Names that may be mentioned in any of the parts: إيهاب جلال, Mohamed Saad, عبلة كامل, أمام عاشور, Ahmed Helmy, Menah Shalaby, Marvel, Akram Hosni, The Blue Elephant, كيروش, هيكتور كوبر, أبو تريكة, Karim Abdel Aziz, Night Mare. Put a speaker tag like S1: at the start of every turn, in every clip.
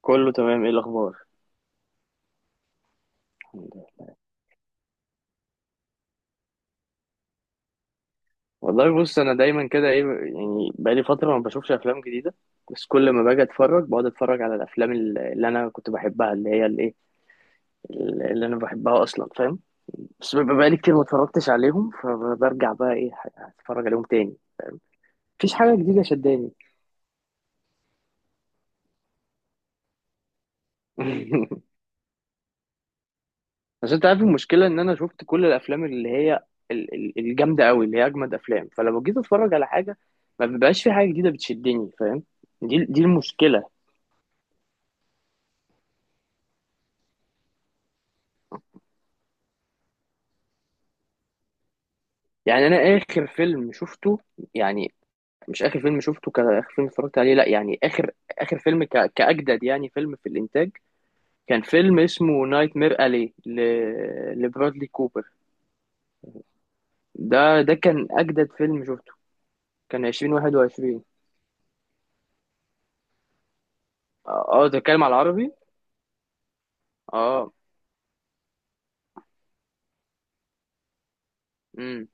S1: كله تمام، ايه الاخبار؟ الحمد لله. والله، بص، انا دايما كده ايه. يعني بقالي فتره ما بشوفش افلام جديده. بس كل ما باجي اتفرج بقعد اتفرج على الافلام اللي انا كنت بحبها، اللي هي الايه، اللي انا بحبها اصلا، فاهم؟ بس بيبقى بقالي كتير ما اتفرجتش عليهم، فبرجع بقى ايه، اتفرج عليهم تاني. مفيش حاجه جديده شداني. بس انت عارف المشكله ان انا شفت كل الافلام اللي هي الجامده قوي، اللي هي اجمد افلام، فلما جيت اتفرج على حاجه ما بيبقاش في حاجه جديده بتشدني، فاهم؟ دي المشكله. يعني انا اخر فيلم شفته، يعني مش اخر فيلم شفته كاخر فيلم اتفرجت عليه، لا، يعني اخر اخر فيلم كاجدد، يعني فيلم في الانتاج. كان فيلم اسمه نايت مير الي لبرادلي كوبر. ده كان اجدد فيلم شفته. كان 2021. ده اتكلم على العربي. اه امم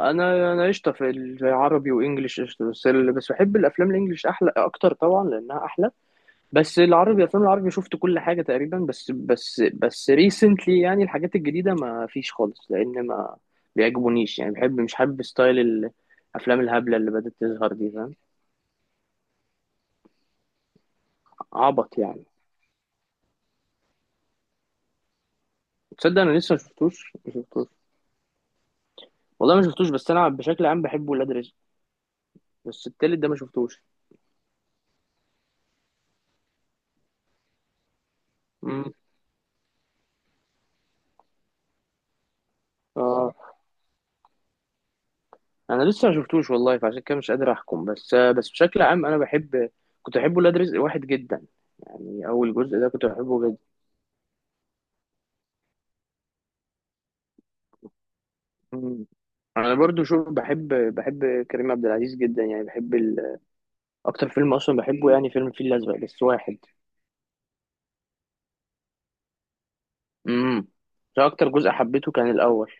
S1: انا قشطه في العربي وانجليش قشطه، بس بحب الافلام الانجليش احلى اكتر طبعا لانها احلى. بس العربي الافلام العربي شفت كل حاجه تقريبا، بس ريسنتلي يعني الحاجات الجديده ما فيش خالص، لان ما بيعجبونيش، يعني بحب مش حابب ستايل الافلام الهبله اللي بدات تظهر دي، فاهم؟ عبط يعني. تصدق؟ انا لسه ما شفتوش. والله ما شفتوش. بس انا بشكل عام بحب ولاد رزق. بس التالت ده ما شفتوش. امم اه، انا لسه ما شفتوش والله، فعشان كده مش قادر احكم، بس بشكل عام انا بحب كنت بحب ولاد رزق واحد جدا. يعني اول جزء ده كنت بحبه. مم. انا برضو شوف، بحب كريم عبد العزيز جدا، يعني بحب اكتر فيلم اصلا بحبه يعني فيلم الفيل الازرق بس واحد. امم ده اكتر جزء حبيته كان الاول.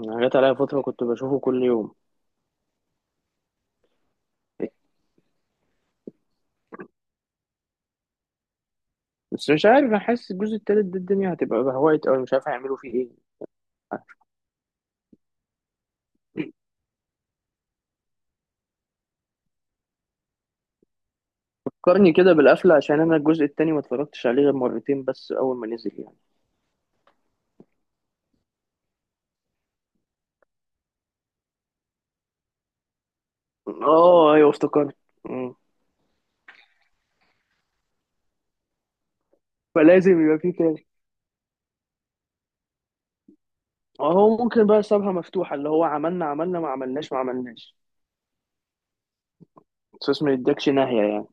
S1: يعني جت عليا فتره كنت بشوفه كل يوم. بس مش عارف، انا حاسس الجزء التالت ده الدنيا هتبقى بهوايت، او مش عارف هيعملوا فيه ايه. فكرني كده بالقفله، عشان انا الجزء التاني ما اتفرجتش عليه غير مرتين بس اول ما نزل يعني. اه، ايوه افتكرت. مم. فلازم يبقى فيه تاني. هو ممكن بقى سابها مفتوحه، اللي هو عملنا عملنا ما عملناش ما عملناش. صوص ما يدكش ناحية يعني.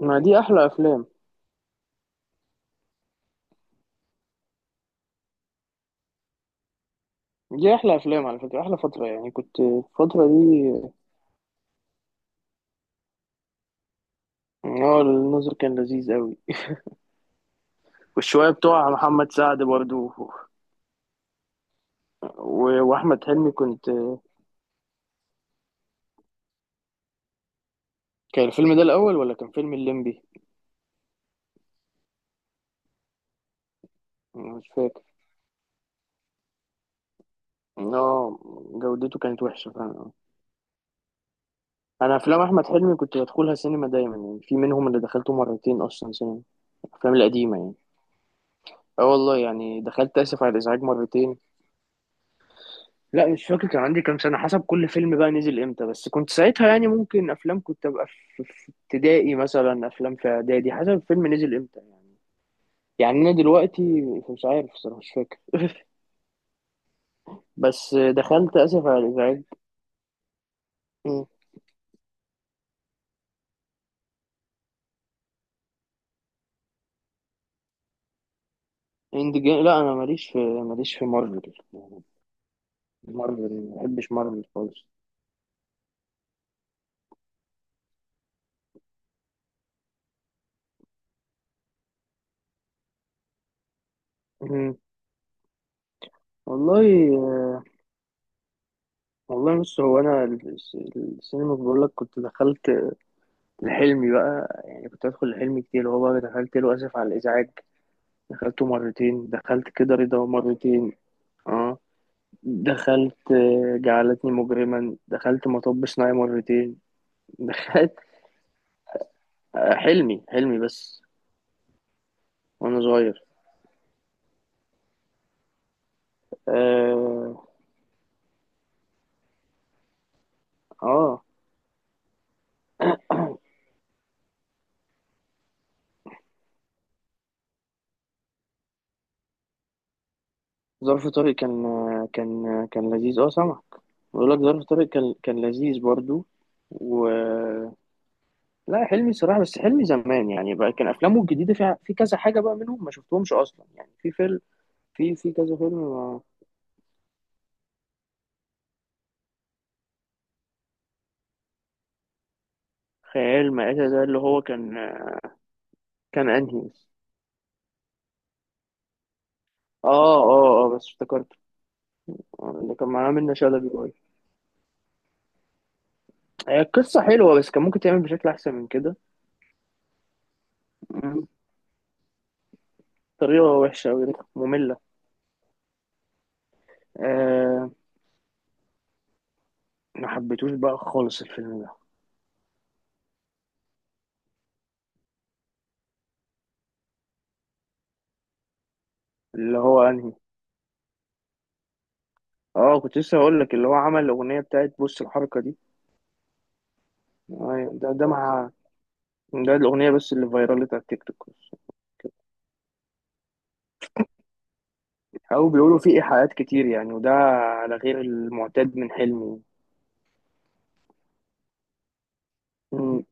S1: ما دي أحلى أفلام. دي أحلى أفلام على فكرة، أحلى فترة يعني كنت الفترة دي. اه، النظر كان لذيذ أوي. والشوية بتوع محمد سعد برضو، وأحمد حلمي كنت. كان الفيلم ده الأول ولا كان فيلم الليمبي؟ مش فاكر. اه، جودته كانت وحشة فعلا. أنا أفلام أحمد حلمي كنت بدخلها سينما دايما، يعني في منهم اللي دخلته مرتين أصلا سينما، الأفلام القديمة يعني. اه، والله يعني دخلت آسف على الإزعاج مرتين. لا، مش فاكر كان عندي كام سنة، حسب كل فيلم بقى نزل امتى، بس كنت ساعتها يعني ممكن افلام كنت ابقى في ابتدائي مثلا، افلام في اعدادي، حسب الفيلم نزل امتى يعني. يعني انا دلوقتي مش عارف الصراحة، مش فاكر، بس دخلت اسف على الازعاج. م. اند جيم، لا انا ماليش في مارفل يعني. مارفل ما بحبش مارفل خالص. م. والله والله، بص، هو انا السينما بقول لك كنت دخلت لحلمي بقى، يعني كنت ادخل لحلمي كتير، هو بقى دخلت له اسف على الازعاج. دخلته مرتين، دخلت كده رضا مرتين، اه، دخلت جعلتني مجرما، دخلت مطب صناعي مرتين. دخلت حلمي حلمي بس وانا صغير. اه. آه. ظرف طارق كان كان كان لذيذ. اه، سامعك. بقول لك ظرف طارق كان لذيذ برضو. و آه، لا حلمي صراحة، بس حلمي زمان يعني، بقى كان أفلامه الجديدة فيها في كذا حاجة بقى منهم ما شفتهمش أصلا، يعني في فيلم، في كذا فيلم. خيال مآتة ده اللي هو كان كان انهي. اه، اه، اه، بس افتكرته. اللي كان معاه منة شلبي باي. هي القصة حلوة، بس كان ممكن تعمل بشكل أحسن من كده. مم. طريقة وحشة أوي، مملة. آه، ما حبيتوش بقى خالص الفيلم ده. اللي هو أنهي؟ اه، كنت لسه هقول لك اللي هو عمل الأغنية بتاعت بص الحركة دي. آه، ده مع ده الأغنية بس اللي فايرالت على التيك توك. أو بيقولوا فيه إيحاءات كتير يعني، وده على غير المعتاد من حلمي. مم.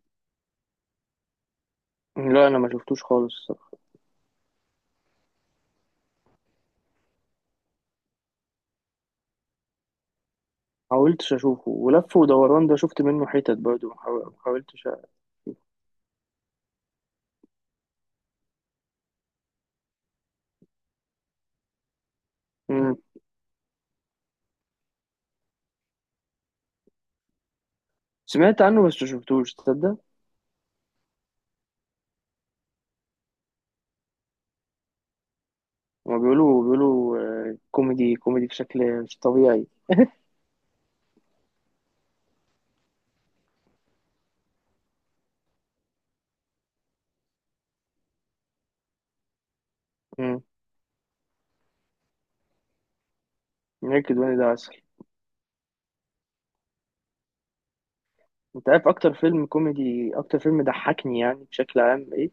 S1: لا، أنا ما شفتوش خالص، حاولتش اشوفه. ولف ودوران ده شفت منه حتت برضه، ما حاولتش. مم. سمعت عنه بس مشفتوش، تصدق؟ هما بيقولوا كوميدي كوميدي بشكل مش طبيعي. مم. نيكد وين ده عسل. انت عارف اكتر فيلم كوميدي، اكتر فيلم ضحكني يعني بشكل عام ايه؟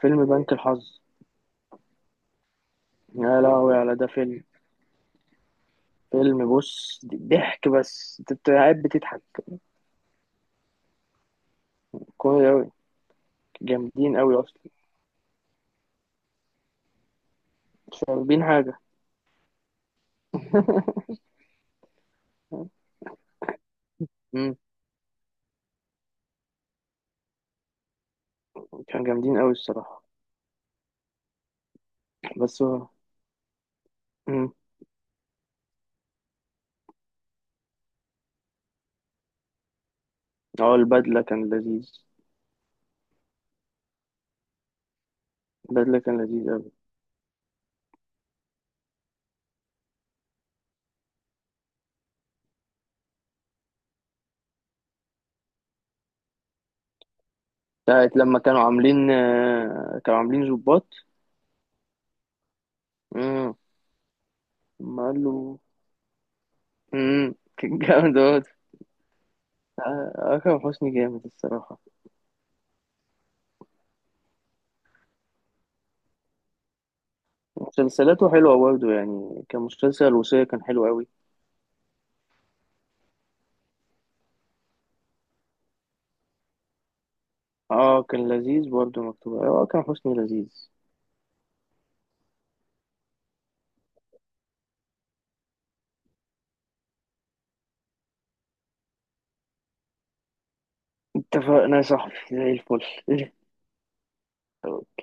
S1: فيلم بنك الحظ. يا لهوي، على ده فيلم! فيلم، بص، ضحك بس انت قاعد بتضحك. كوميدي اوي. جامدين اوي اصلا، مش فاهمين حاجة. مم. كانوا جامدين اوي الصراحة. بس هو اه البدلة كان لذيذ. البدلة كان لذيذ أوي. بتاعت لما كانوا عاملين ظباط. امم ما قال له. كان جامد أوي. آه، أكرم حسني جامد الصراحة. مسلسلاته حلوة برضه، يعني كان مسلسل الوصية كان حلو أوي. اه، كان لذيذ برضه، مكتوب أكرم حسني لذيذ. اتفقنا يا صاحبي، زي الفل.